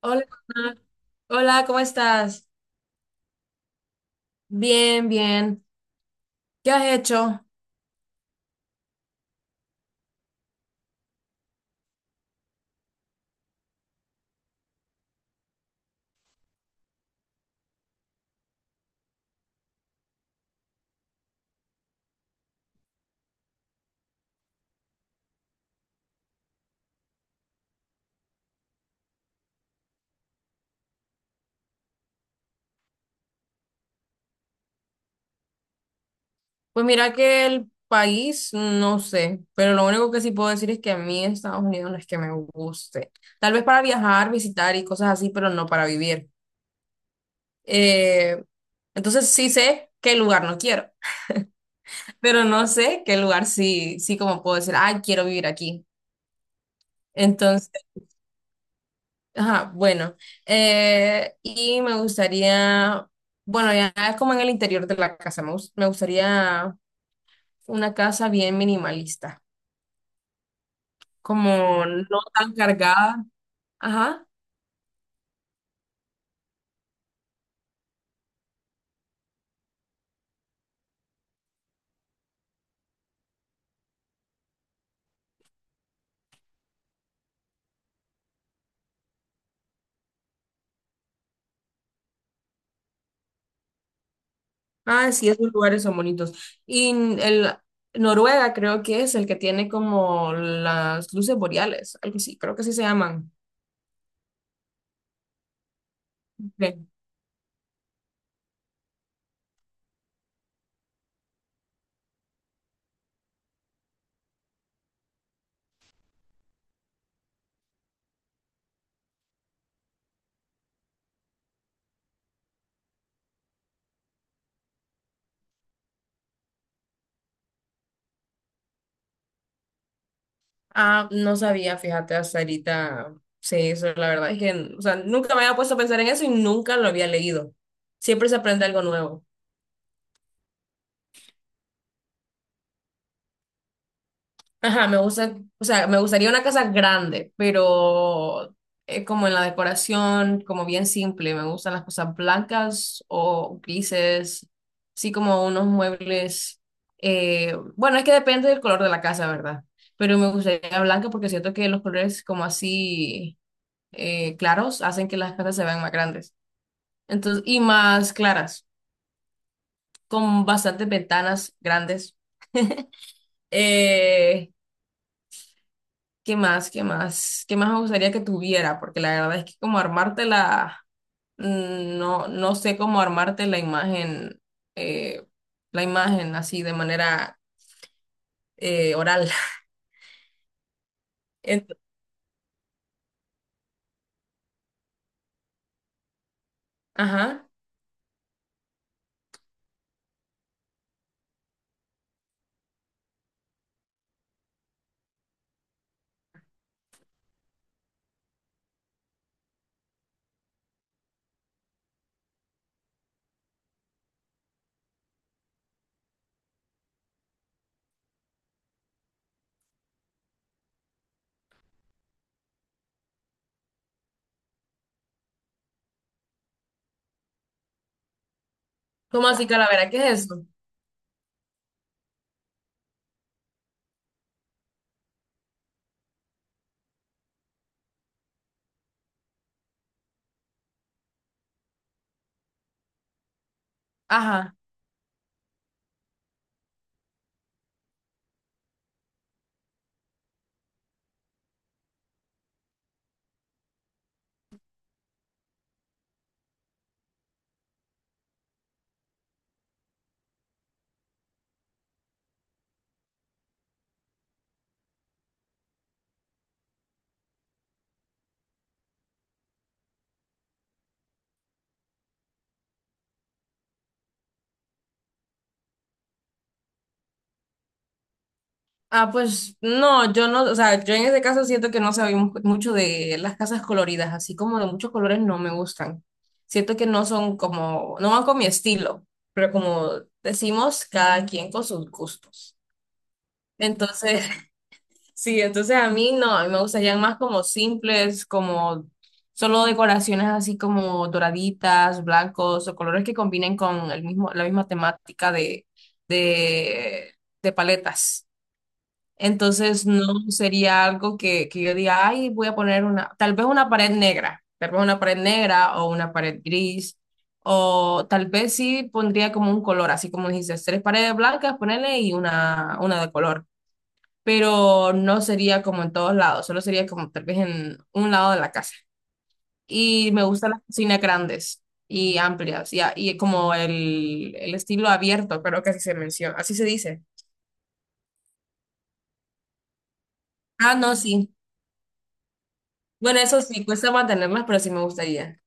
Hola, Ana. Hola, ¿cómo estás? Bien, bien. ¿Qué has hecho? Pues mira que el país, no sé, pero lo único que sí puedo decir es que a mí Estados Unidos no es que me guste. Tal vez para viajar, visitar y cosas así, pero no para vivir. Eh, entonces sí sé qué lugar no quiero, pero no sé qué lugar sí, sí como puedo decir, ay, quiero vivir aquí. Ajá, bueno, y me gustaría, bueno, ya es como en el interior de la casa, me, me gustaría una casa bien minimalista, como no tan cargada. Ajá, ah, sí, esos lugares son bonitos. Y el Noruega creo que es el que tiene como las luces boreales, algo así, creo que así se llaman. Ok, ah, no sabía, fíjate, hasta ahorita. Sí, eso la verdad es que, o sea, nunca me había puesto a pensar en eso y nunca lo había leído. Siempre se aprende algo nuevo. Ajá, me gusta, o sea, me gustaría una casa grande, pero como en la decoración, como bien simple. Me gustan las cosas blancas o grises, sí, como unos muebles. Bueno, es que depende del color de la casa, ¿verdad? Pero me gustaría blanca porque siento que los colores como así. Claros hacen que las casas se vean más grandes. Entonces, y más claras, con bastantes ventanas grandes. Eh, ¿Qué más? ¿Qué más? ¿Qué más me gustaría que tuviera? Porque la verdad es que como armarte la, no, no sé cómo armarte eh, la imagen así de manera oral. Ent- ajá. ¿Cómo así, calavera? ¿Qué es eso? Ajá. Ah, pues no, yo no, o sea, yo en ese caso siento que no sabemos mucho de las casas coloridas, así como de muchos colores no me gustan. Siento que no son como, no van con mi estilo, pero como decimos, cada quien con sus gustos. Entonces, sí, entonces a mí no, a mí me gustarían más como simples, como solo decoraciones así como doraditas, blancos o colores que combinen con el mismo, la misma temática de, de paletas. Entonces no sería algo que yo diga, ay, voy a poner una, tal vez una pared negra, tal vez una pared negra o una pared gris, o tal vez sí pondría como un color, así como dijiste, tres paredes blancas, ponerle y una de color, pero no sería como en todos lados, solo sería como tal vez en un lado de la casa. Y me gustan las cocinas grandes y amplias, y, y como el estilo abierto, creo que así se menciona, así se dice. Ah, no, sí. Bueno, eso sí, cuesta mantenerlas, pero sí me gustaría.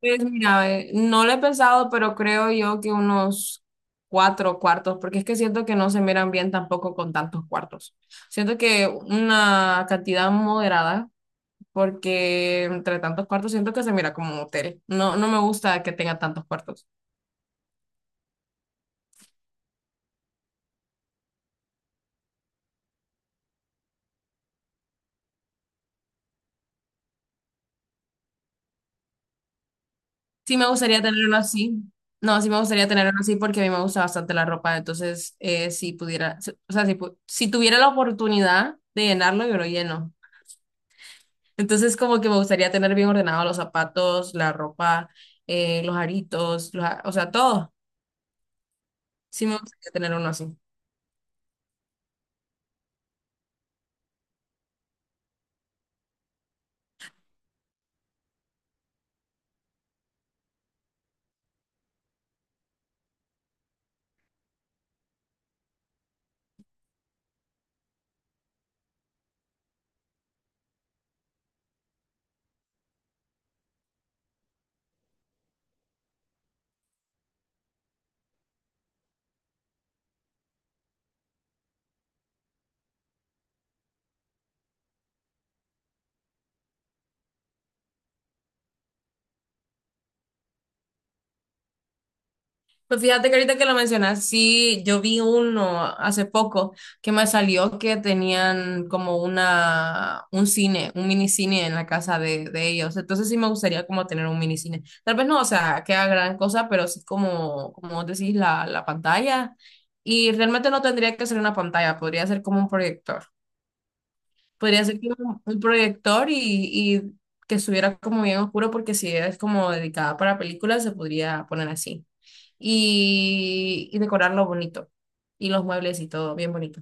Pues mira, no lo he pensado, pero creo yo que unos cuatro cuartos, porque es que siento que no se miran bien tampoco con tantos cuartos. Siento que una cantidad moderada, porque entre tantos cuartos siento que se mira como un hotel. No, no me gusta que tenga tantos cuartos. Sí me gustaría tenerlo así. No, sí me gustaría tenerlo así porque a mí me gusta bastante la ropa. Entonces, si pudiera, o sea, si, si tuviera la oportunidad de llenarlo, yo lo lleno. Entonces, como que me gustaría tener bien ordenado los zapatos, la ropa, los aritos, los o sea, todo. Sí me gustaría tener uno así. Pues fíjate que ahorita que lo mencionas, sí, yo vi uno hace poco que me salió que tenían como una, un cine, un mini cine en la casa de ellos. Entonces sí me gustaría como tener un mini cine. Tal vez no, o sea, que haga gran cosa, pero sí como, como vos decís, la pantalla. Y realmente no tendría que ser una pantalla, podría ser como un proyector. Podría ser como un proyector y que estuviera como bien oscuro porque si es como dedicada para películas se podría poner así. Y decorarlo bonito. Y los muebles y todo bien bonito.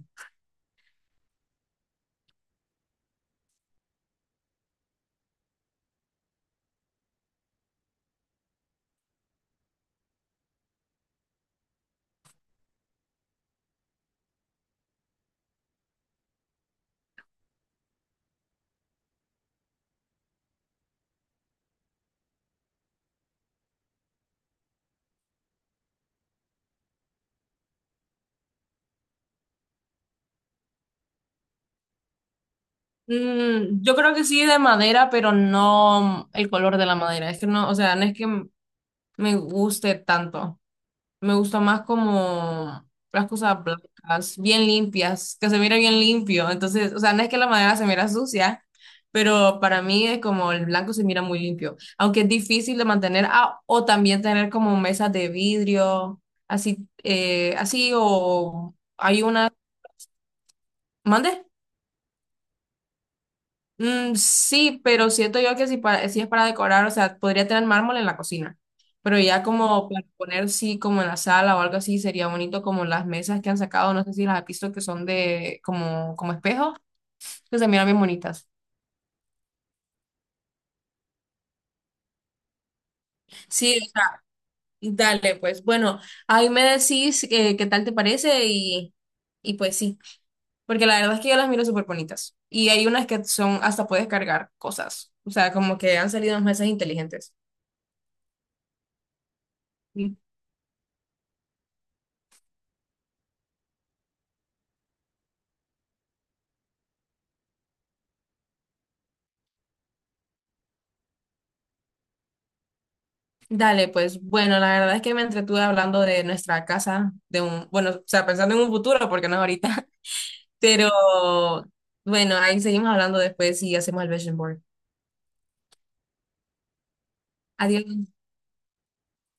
Mm, yo creo que sí de madera, pero no el color de la madera. Es que no, o sea, no es que me guste tanto. Me gusta más como las cosas blancas, bien limpias, que se mire bien limpio. Entonces, o sea, no es que la madera se mira sucia, pero para mí es como el blanco se mira muy limpio. Aunque es difícil de mantener, ah, o también tener como mesas de vidrio, así, así, o hay una. ¿Mande? Mm, sí, pero siento yo que si, si es para decorar, o sea, podría tener mármol en la cocina, pero ya como para poner, sí, como en la sala o algo así, sería bonito como las mesas que han sacado, no sé si las has visto que son de como, como espejos, que se miran bien bonitas. Sí, dale, pues bueno, ahí me decís qué tal te parece y pues sí, porque la verdad es que yo las miro súper bonitas y hay unas que son, hasta puedes cargar cosas, o sea, como que han salido unas mesas inteligentes. Dale, pues bueno, la verdad es que me entretuve hablando de nuestra casa, de un, bueno, o sea, pensando en un futuro, porque no es ahorita, pero bueno, ahí seguimos hablando después y hacemos el vision board. Adiós.